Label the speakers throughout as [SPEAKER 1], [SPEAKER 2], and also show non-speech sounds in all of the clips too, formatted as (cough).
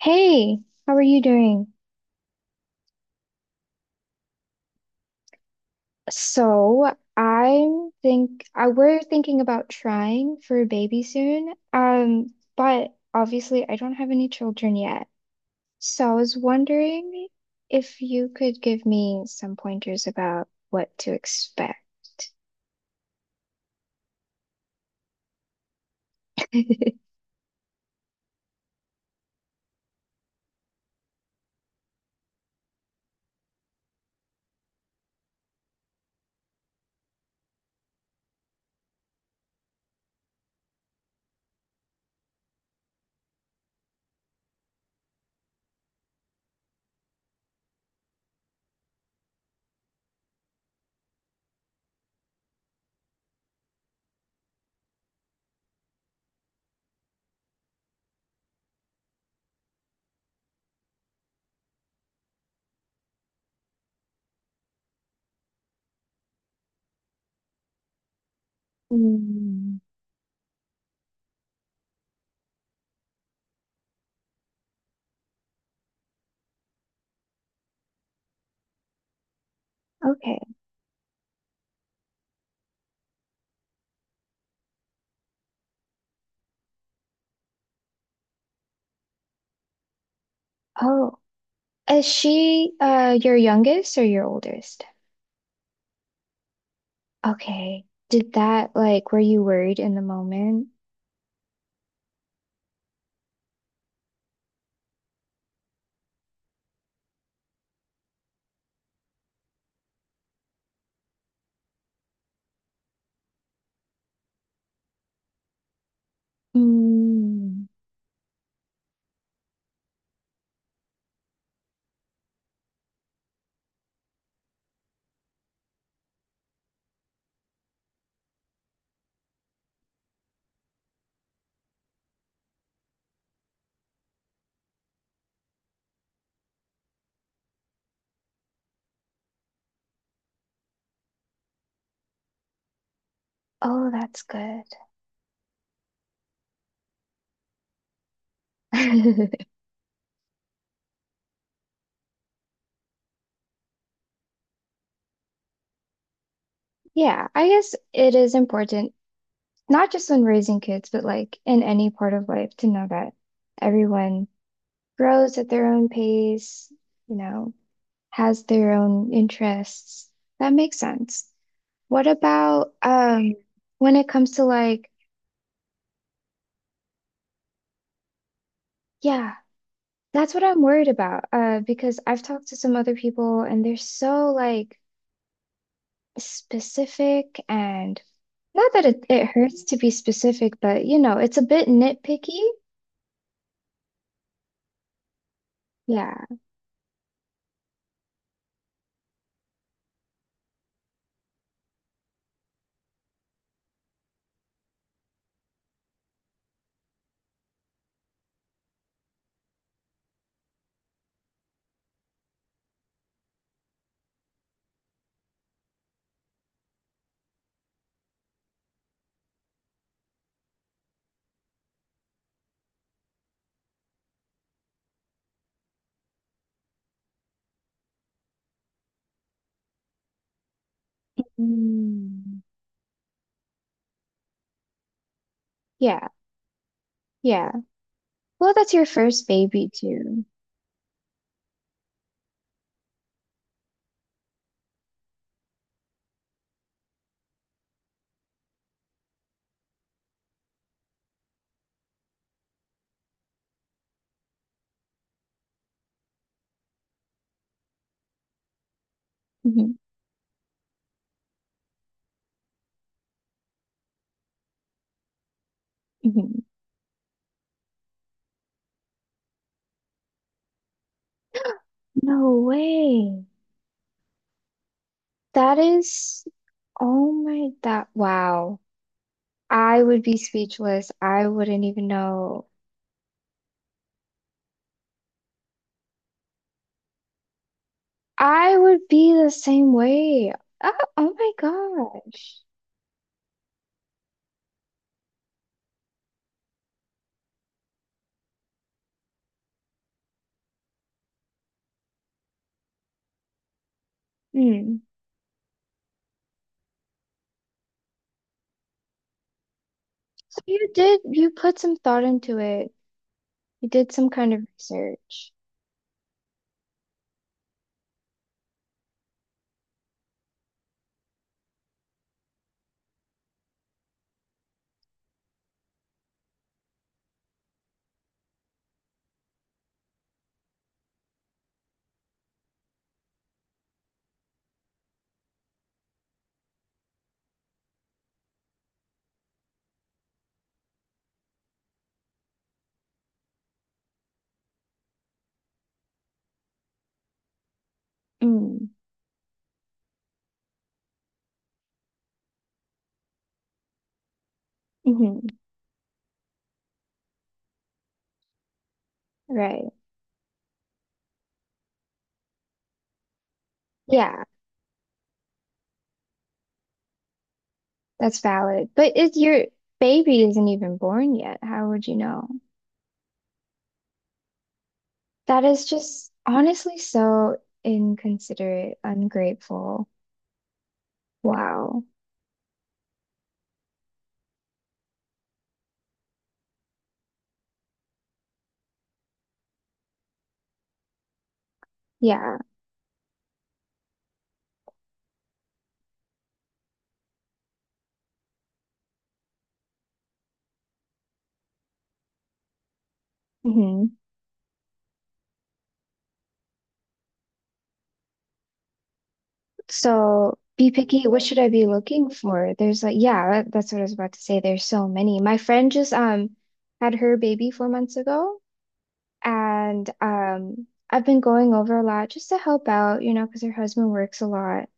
[SPEAKER 1] Hey, how are you doing? So, I'm think I we're thinking about trying for a baby soon. But obviously I don't have any children yet. So I was wondering if you could give me some pointers about what to expect. (laughs) Mm. Okay. Oh, is she your youngest or your oldest? Okay. Did that like were you worried in the moment? Mm. Oh, that's good. (laughs) Yeah, I guess it is important, not just when raising kids, but like in any part of life, to know that everyone grows at their own pace, you know, has their own interests. That makes sense. What about when it comes to like, yeah, that's what I'm worried about. Because I've talked to some other people and they're so like specific, and not that it hurts to be specific, but you know, it's a bit nitpicky. Yeah. Mm. Yeah. Yeah. Well, that's your first baby too. Mhm, mhm. No way. That is, oh my, that, wow. I would be speechless. I wouldn't even know. I would be the same way. Oh, oh my gosh. Mm. So you did, you put some thought into it. You did some kind of research. Mm, hmm, right. Yeah, that's valid. But if your baby isn't even born yet, how would you know? That is just honestly so inconsiderate, ungrateful. Wow. Yeah. Hmm. So be picky. What should I be looking for? There's like, yeah, that's what I was about to say. There's so many. My friend just had her baby 4 months ago. And I've been going over a lot just to help out, you know, because her husband works a lot.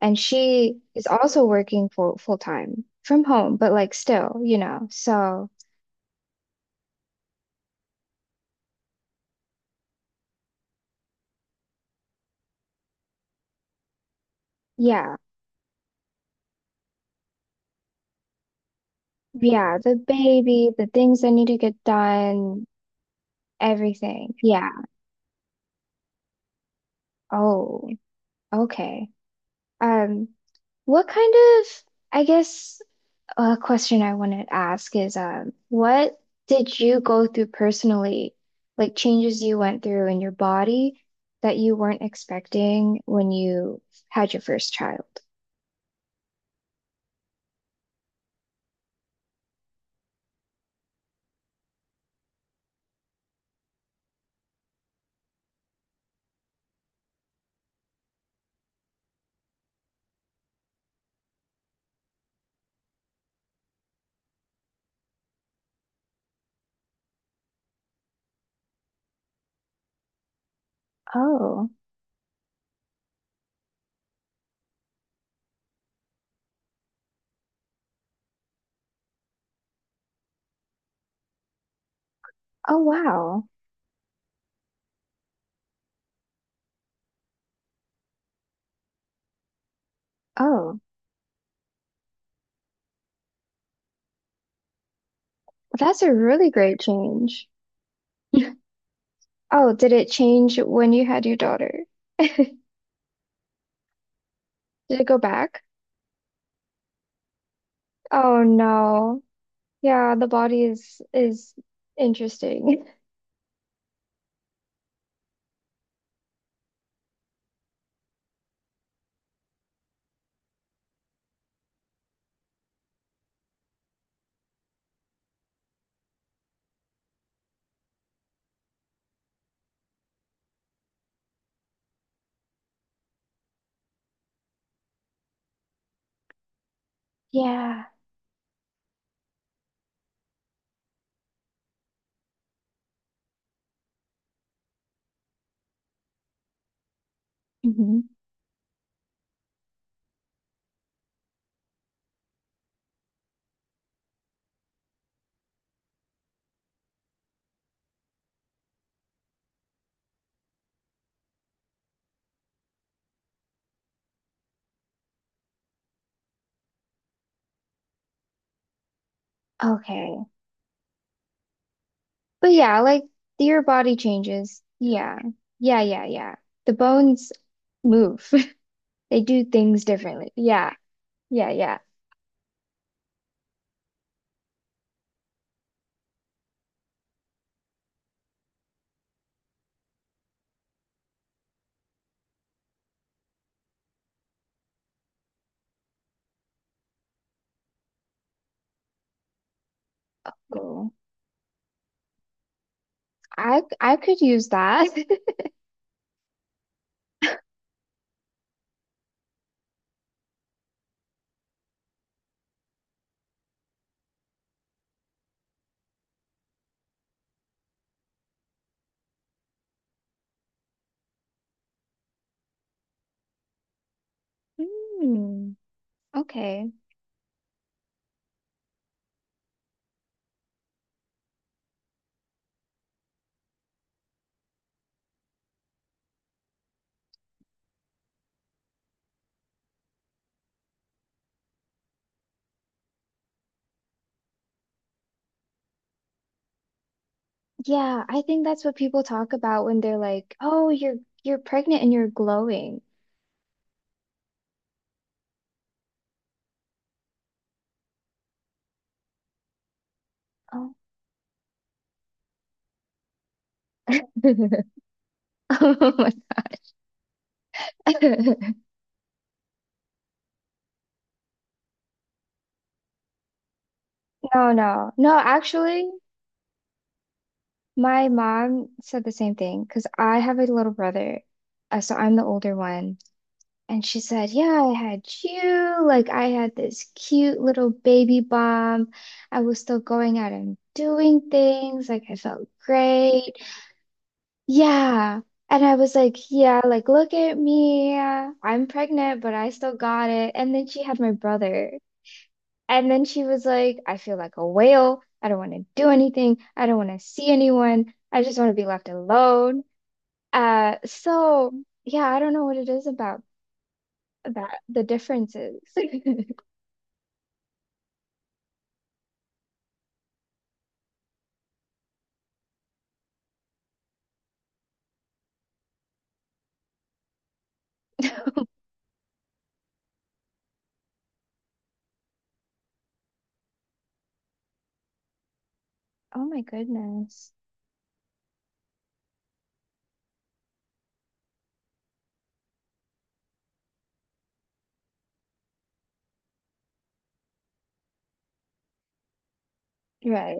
[SPEAKER 1] And she is also working full time from home, but like still, you know. So yeah, yeah, the baby, the things that need to get done, everything. Yeah. Oh, okay. Um, what kind of, I guess, A question I wanted to ask is, what did you go through personally, like changes you went through in your body that you weren't expecting when you had your first child? Oh, oh wow. Oh, that's a really great change. (laughs) Oh, did it change when you had your daughter? Did it go back? Oh no. Yeah, the body is interesting. (laughs) Yeah. Hmm. Okay. But yeah, like your body changes. Yeah. Yeah. The bones move. (laughs) They do things differently. Yeah. Yeah. Cool. I could use that. (laughs) Hmm. Okay. Yeah, I think that's what people talk about when they're like, "Oh, you're pregnant and you're glowing." Oh. (laughs) Oh my— (laughs) No, no. No, actually, my mom said the same thing because I have a little brother. So I'm the older one. And she said, yeah, I had you. Like, I had this cute little baby bump. I was still going out and doing things. Like, I felt great. Yeah. And I was like, yeah, like, look at me. I'm pregnant, but I still got it. And then she had my brother. And then she was like, I feel like a whale. I don't want to do anything. I don't want to see anyone. I just want to be left alone. So yeah, I don't know what it is about that, the differences. (laughs) Oh my goodness. Right.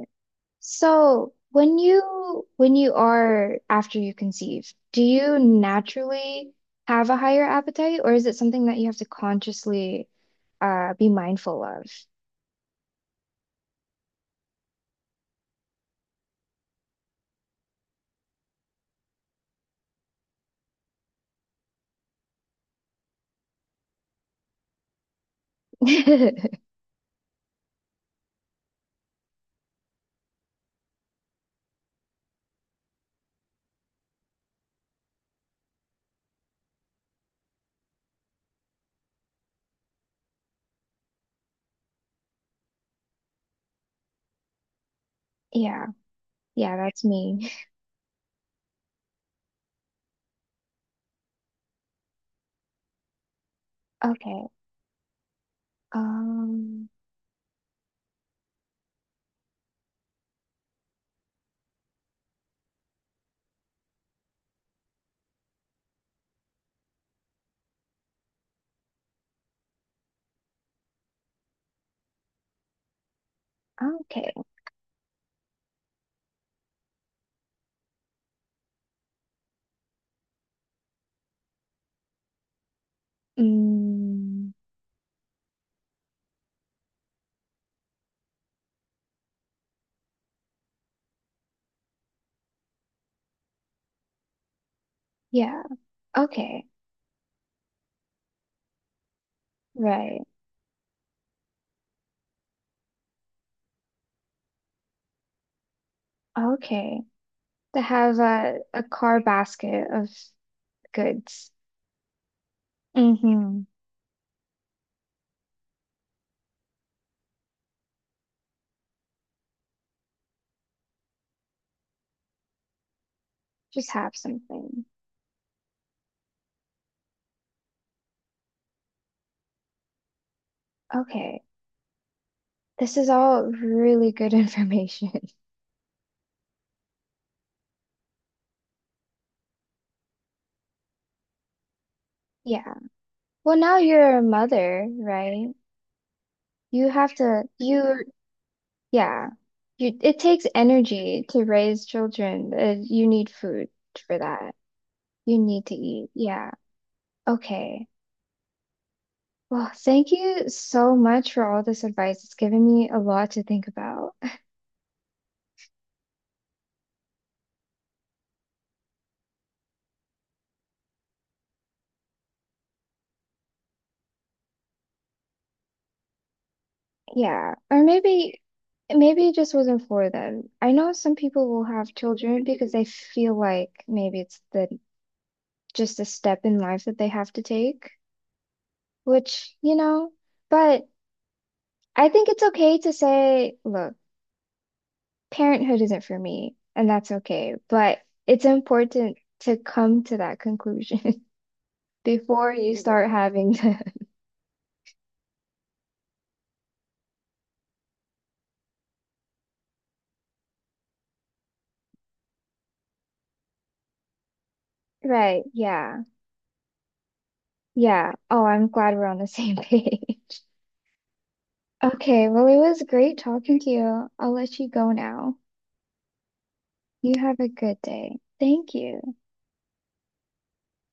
[SPEAKER 1] So when you are after you conceive, do you naturally have a higher appetite, or is it something that you have to consciously be mindful of? (laughs) Yeah. Yeah, that's me. Okay. Um, okay. Mm, yeah. Okay. Right. Okay. To have a car basket of goods. Mm-hmm. Just have something. Okay. This is all really good information. (laughs) Yeah. Well, now you're a mother, right? You have to, you, yeah. You, it takes energy to raise children. You need food for that. You need to eat. Yeah. Okay. Well, thank you so much for all this advice. It's given me a lot to think about. Yeah. Or maybe, maybe it just wasn't for them. I know some people will have children because they feel like maybe it's the just a step in life that they have to take, which, you know, but I think it's okay to say, look, parenthood isn't for me, and that's okay. But it's important to come to that conclusion (laughs) before you start right. Having to. (laughs) Right. Yeah. Yeah. Oh, I'm glad we're on the same (laughs) page. Okay. Well, it was great talking to you. I'll let you go now. You have a good day. Thank you.